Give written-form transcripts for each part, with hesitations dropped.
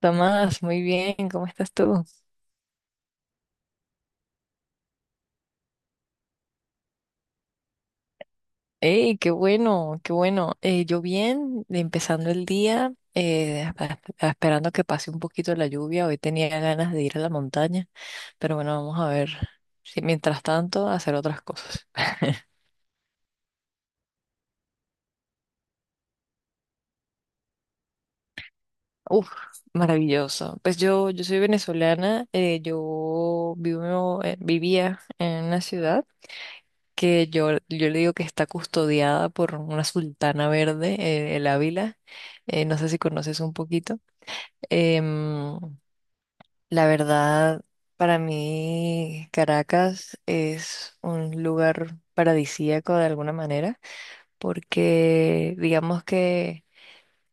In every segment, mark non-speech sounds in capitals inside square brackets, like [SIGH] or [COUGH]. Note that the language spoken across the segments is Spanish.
Tomás, muy bien, ¿cómo estás tú? ¡Ey, qué bueno, qué bueno! Yo bien, empezando el día, esperando que pase un poquito la lluvia. Hoy tenía ganas de ir a la montaña, pero bueno, vamos a ver si mientras tanto hacer otras cosas. [LAUGHS] Uf, maravilloso. Pues yo soy venezolana, yo vivía en una ciudad que yo le digo que está custodiada por una sultana verde, el Ávila. No sé si conoces un poquito. Em, la verdad, para mí Caracas es un lugar paradisíaco de alguna manera, porque digamos que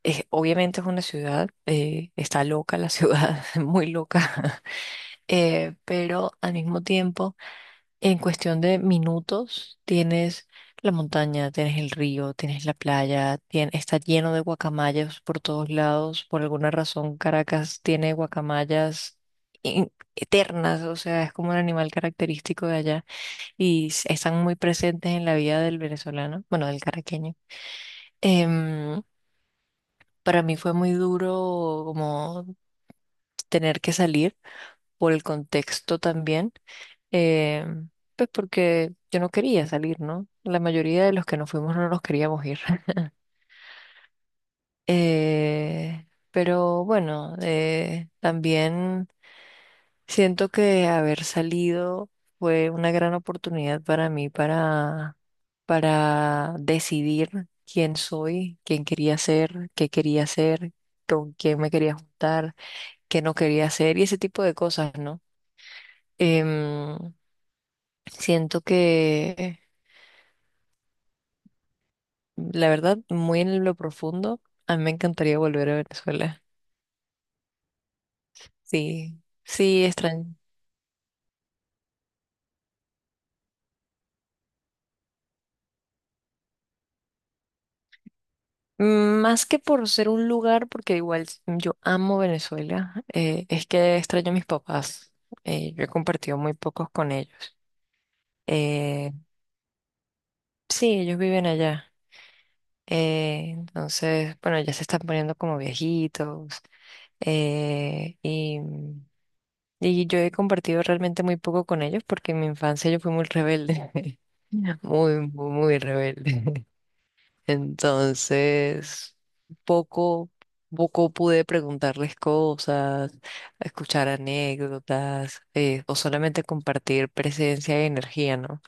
obviamente es una ciudad, está loca la ciudad, [LAUGHS] muy loca, [LAUGHS] pero al mismo tiempo en cuestión de minutos, tienes la montaña, tienes el río, tienes la playa, está lleno de guacamayas por todos lados. Por alguna razón, Caracas tiene guacamayas eternas, o sea, es como un animal característico de allá y están muy presentes en la vida del venezolano, bueno, del caraqueño. Em, para mí fue muy duro como tener que salir por el contexto también, eh, pues porque yo no quería salir, ¿no? La mayoría de los que nos fuimos no nos queríamos ir. [LAUGHS] Pero bueno, también siento que haber salido fue una gran oportunidad para mí para decidir quién soy, quién quería ser, qué quería hacer con quién me quería juntar, qué no quería hacer y ese tipo de cosas, ¿no? Em, Siento que, la verdad, muy en lo profundo, a mí me encantaría volver a Venezuela. Sí, sí, extraño. Más que por ser un lugar, porque igual yo amo Venezuela, es que extraño a mis papás. Yo he compartido muy pocos con ellos. Eh, sí, ellos viven allá. Entonces, bueno, ya se están poniendo como viejitos, eh, y y yo he compartido realmente muy poco con ellos porque en mi infancia yo fui muy rebelde, [LAUGHS] muy, muy, muy rebelde. [LAUGHS] Entonces, poco, poco pude preguntarles cosas, escuchar anécdotas, o solamente compartir presencia y energía, ¿no?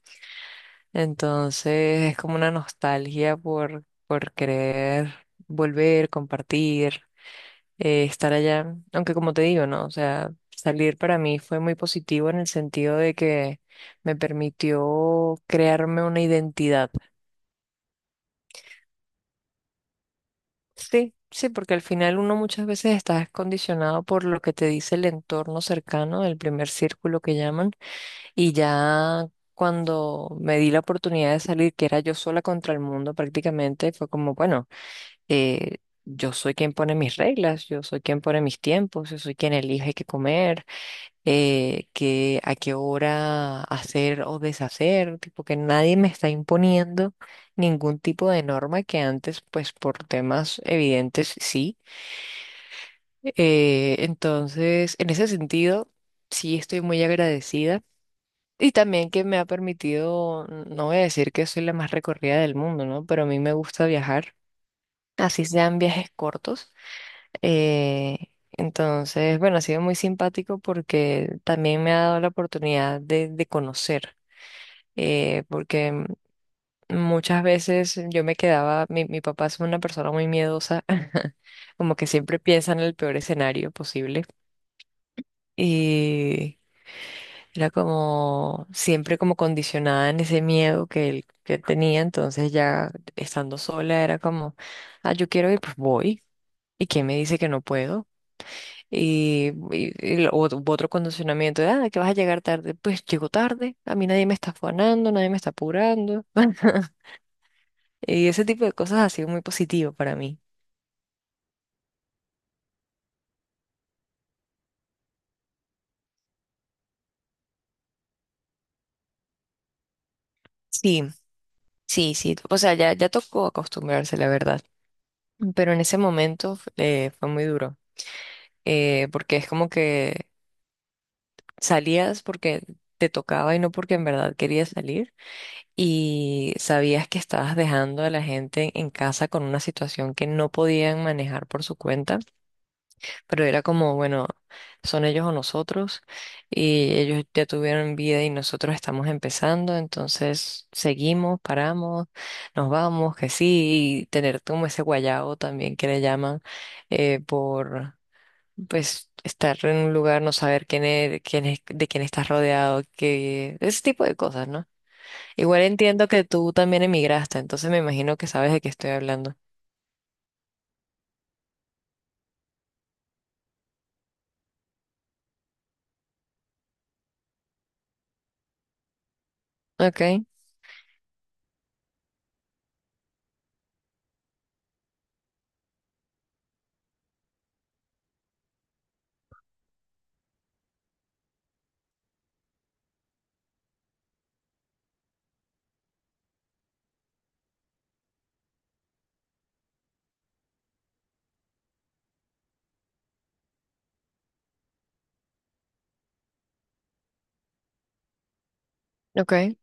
Entonces, es como una nostalgia por querer volver, compartir, estar allá, aunque como te digo, ¿no? O sea, salir para mí fue muy positivo en el sentido de que me permitió crearme una identidad. Sí, sí, porque al final uno muchas veces está condicionado por lo que te dice el entorno cercano, el primer círculo que llaman, y ya cuando me di la oportunidad de salir, que era yo sola contra el mundo prácticamente, fue como, bueno, eh, yo soy quien pone mis reglas, yo soy quien pone mis tiempos, yo soy quien elige qué comer, que a qué hora hacer o deshacer, tipo que nadie me está imponiendo ningún tipo de norma que antes, pues por temas evidentes, sí. Entonces, en ese sentido, sí estoy muy agradecida. Y también que me ha permitido, no voy a decir que soy la más recorrida del mundo, ¿no? Pero a mí me gusta viajar, así sean viajes cortos. Eh, entonces, bueno, ha sido muy simpático porque también me ha dado la oportunidad de conocer, eh, porque mm, muchas veces yo me quedaba, mi papá es una persona muy miedosa, [LAUGHS] como que siempre piensa en el peor escenario posible y era como siempre como condicionada en ese miedo que él, que tenía, entonces ya estando sola era como, ah, yo quiero ir, pues voy. ¿Y quién me dice que no puedo? U otro condicionamiento de, ah, que vas a llegar tarde. Pues llego tarde, a mí nadie me está afanando, nadie me está apurando. [LAUGHS] Y ese tipo de cosas ha sido muy positivo para mí. Sí, sí, sí. O sea, ya, ya tocó acostumbrarse, la verdad. Pero en ese momento, fue muy duro, porque es como que salías porque te tocaba y no porque en verdad querías salir. Y sabías que estabas dejando a la gente en casa con una situación que no podían manejar por su cuenta, pero era como, bueno, son ellos o nosotros, y ellos ya tuvieron vida y nosotros estamos empezando, entonces seguimos, paramos, nos vamos, que sí, y tener como ese guayao también que le llaman, por, pues, estar en un lugar, no saber quién es, de quién estás rodeado, que ese tipo de cosas, ¿no? Igual entiendo que tú también emigraste, entonces me imagino que sabes de qué estoy hablando. Okay, okay,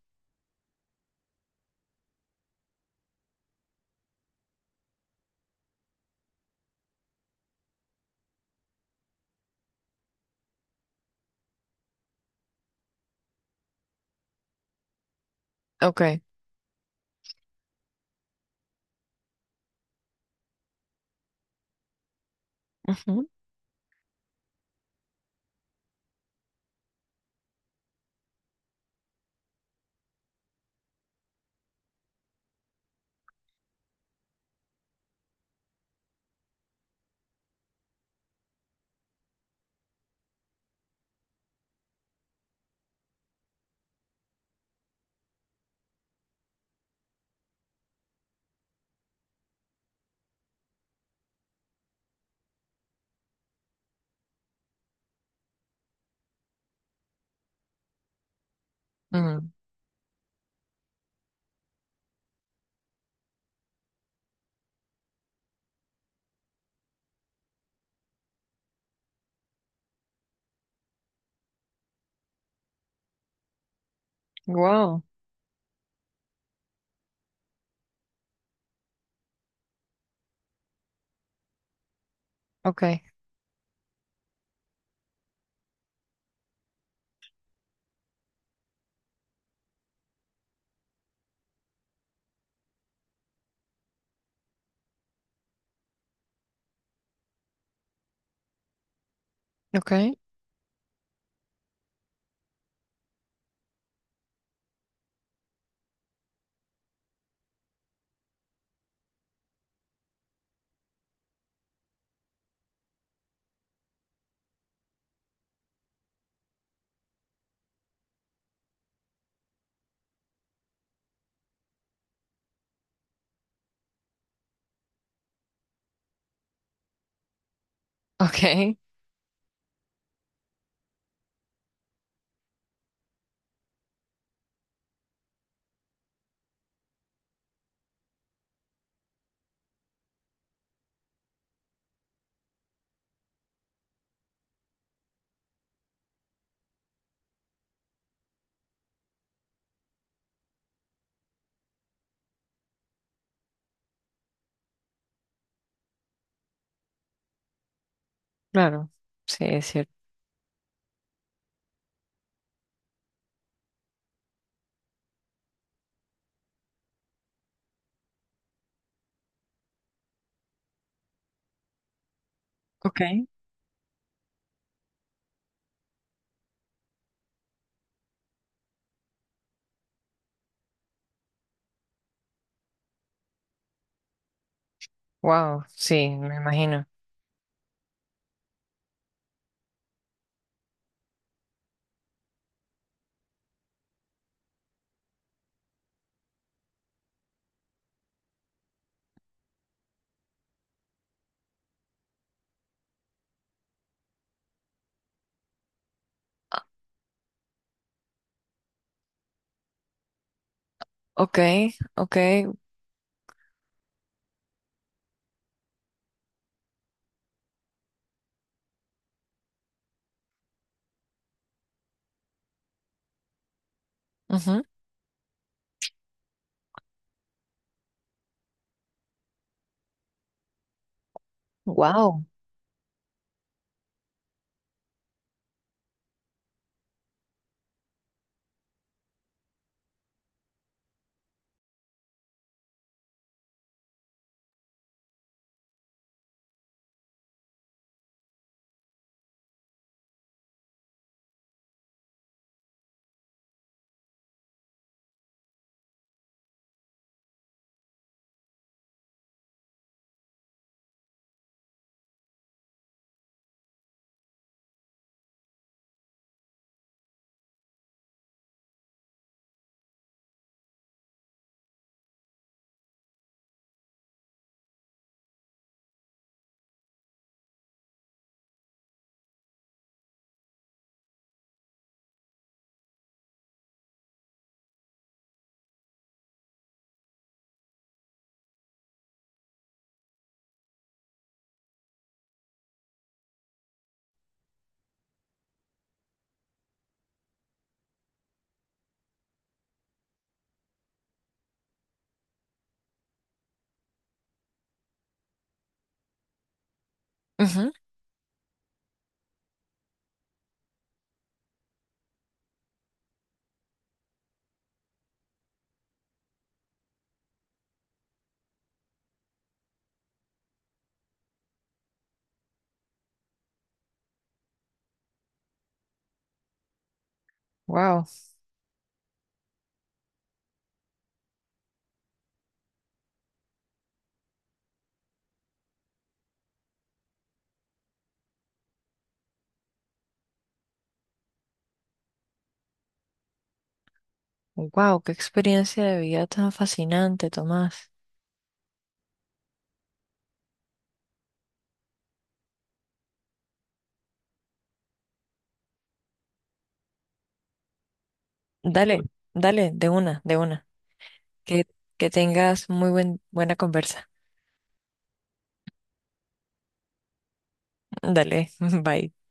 okay. Ujú, ujú. Wow, ok. Ok, ok, claro, sí, es cierto. Ok, wow, sí, me imagino. Ok, ok, ujú, wow, ujú, wow, wow, qué experiencia de vida tan fascinante, Tomás. Dale, dale, de una, de una. Que, que tengas muy buen, buena conversa. Dale, [LAUGHS] bye.